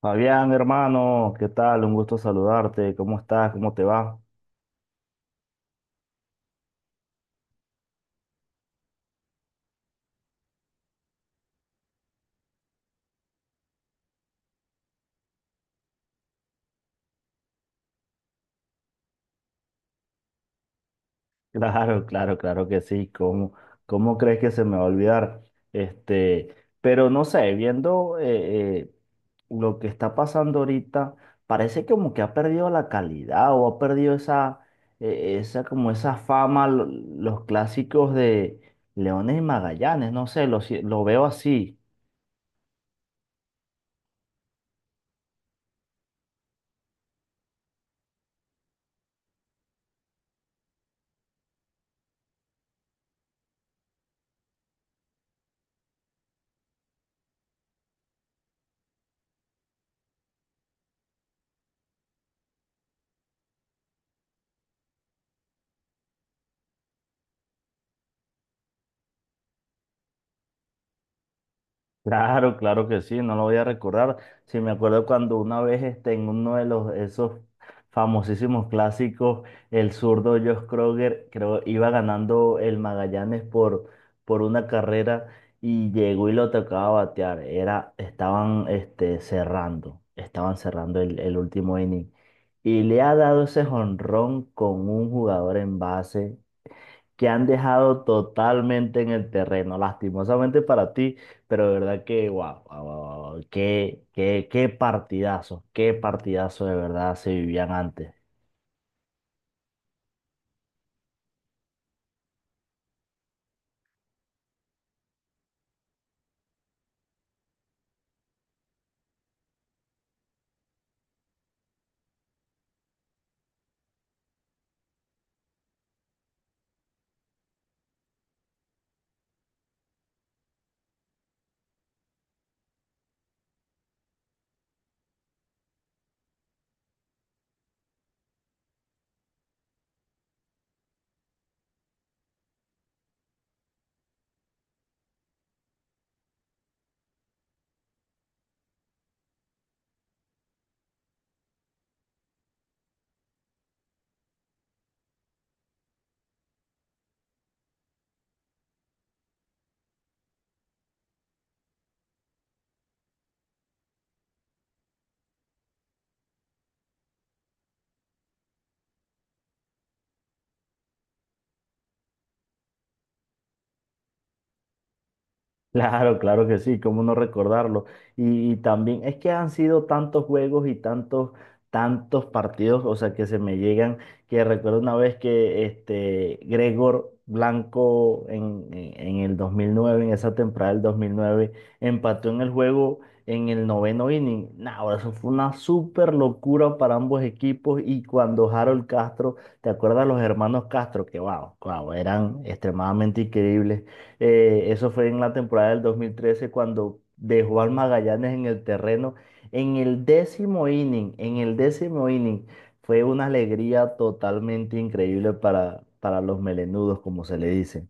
Fabián, hermano, ¿qué tal? Un gusto saludarte. ¿Cómo estás? ¿Cómo te va? Claro, claro, claro que sí. ¿Cómo crees que se me va a olvidar? Este, pero no sé, viendo lo que está pasando ahorita, parece como que ha perdido la calidad o ha perdido esa como esa fama, los clásicos de Leones y Magallanes. No sé, lo, si- lo veo así. Claro, claro que sí, no lo voy a recordar. Sí, me acuerdo cuando una vez en uno de los esos famosísimos clásicos, el zurdo Josh Kroger, creo, iba ganando el Magallanes por una carrera y llegó y lo tocaba batear. Estaban estaban cerrando el último inning. Y le ha dado ese jonrón con un jugador en base que han dejado totalmente en el terreno, lastimosamente para ti, pero de verdad que, wow, wow, wow, wow, qué partidazo de verdad se vivían antes. Claro, claro que sí, cómo no recordarlo. Y también es que han sido tantos juegos y tantos partidos, o sea, que se me llegan, que recuerdo una vez que este Gregor Blanco en el 2009 en esa temporada del 2009 empató en el juego en el noveno inning. Nah, ahora eso fue una súper locura para ambos equipos y cuando Harold Castro, ¿te acuerdas los hermanos Castro? Que wow, wow, eran extremadamente increíbles eso fue en la temporada del 2013 cuando dejó al Magallanes en el terreno. En el décimo inning, en el décimo inning, fue una alegría totalmente increíble para los melenudos, como se le dice.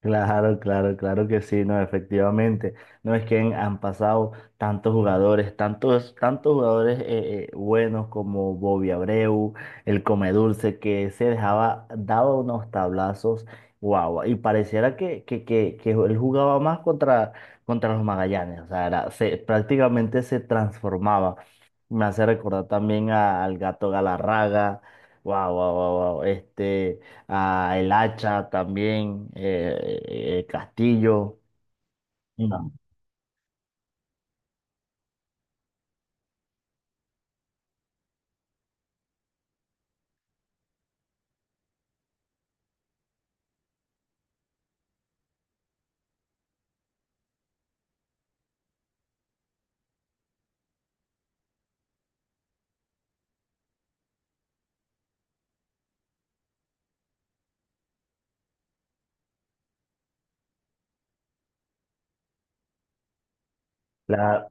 Claro, claro, claro que sí, no, efectivamente. No es que han pasado tantos jugadores, tantos jugadores buenos como Bobby Abreu, el Comedulce, que se dejaba, daba unos tablazos, guau, y pareciera que él jugaba más contra los Magallanes, o sea, prácticamente se transformaba. Me hace recordar también al Gato Galarraga, wow, wow, wow, wow, a El Hacha también, Castillo. Mm. La,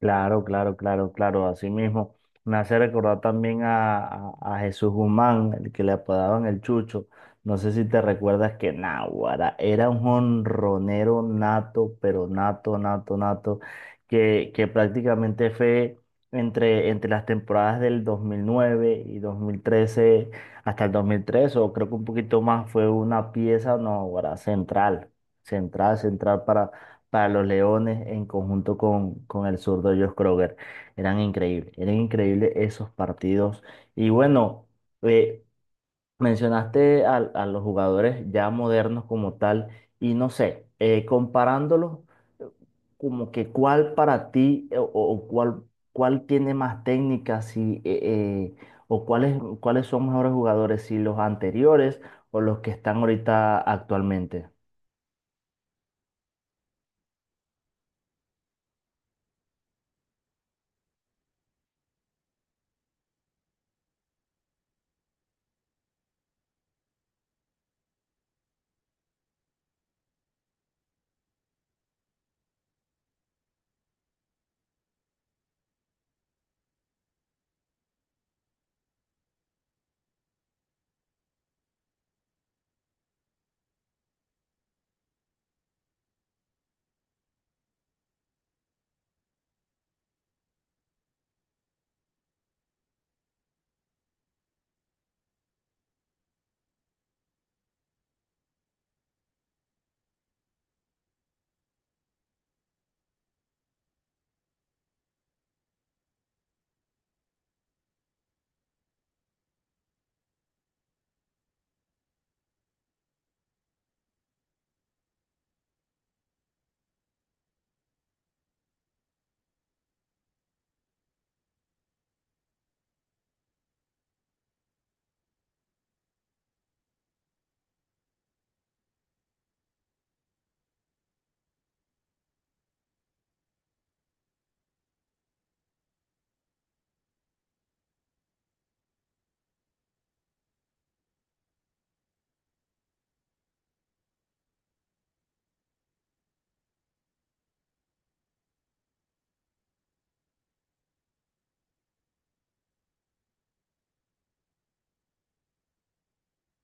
Claro, claro, claro, claro, así mismo. Me hace recordar también a Jesús Guzmán, el que le apodaban el Chucho. No sé si te recuerdas que Náguara era un jonronero nato, pero nato, nato, nato, que prácticamente fue entre las temporadas del 2009 y 2013 hasta el 2003 o creo que un poquito más, fue una pieza Náguara central, central, central para los Leones en conjunto con el zurdo Josh Kroger. Eran increíbles esos partidos. Y bueno, eh, mencionaste los jugadores ya modernos como tal, y no sé, comparándolos, eh, como que cuál para ti o cuál tiene más técnicas si, eh, o cuáles son mejores jugadores, si los anteriores o los que están ahorita actualmente.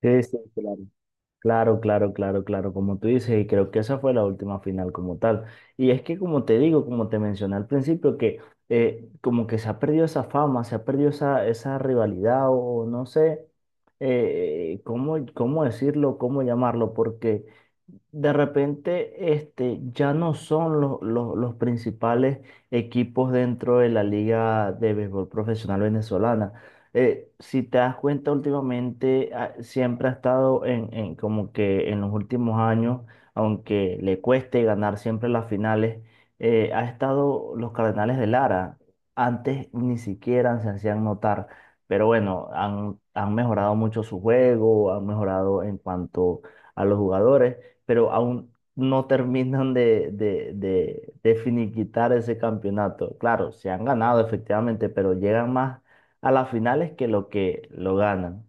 Sí, sí, claro. Claro, claro, claro, claro, como tú dices, y creo que esa fue la última final como tal. Y es que como te digo, como te mencioné al principio, que como que se ha perdido esa fama, se ha perdido esa rivalidad o no sé eh, cómo decirlo, cómo llamarlo, porque de repente ya no son los principales equipos dentro de la Liga de Béisbol Profesional Venezolana si te das cuenta últimamente, ah, siempre ha estado en como que en los últimos años, aunque le cueste ganar siempre las finales, ha estado los Cardenales de Lara. Antes ni siquiera se hacían notar, pero bueno, han mejorado mucho su juego, han mejorado en cuanto a los jugadores, pero aún no terminan de finiquitar ese campeonato. Claro, se han ganado efectivamente, pero llegan más a las finales que lo ganan.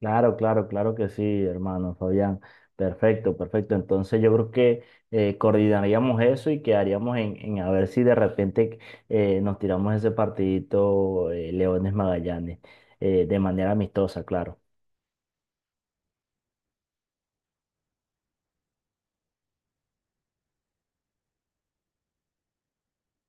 Claro, claro, claro que sí, hermano Fabián. Perfecto, perfecto. Entonces yo creo que coordinaríamos eso y quedaríamos en a ver si de repente nos tiramos ese partidito Leones Magallanes de manera amistosa, claro.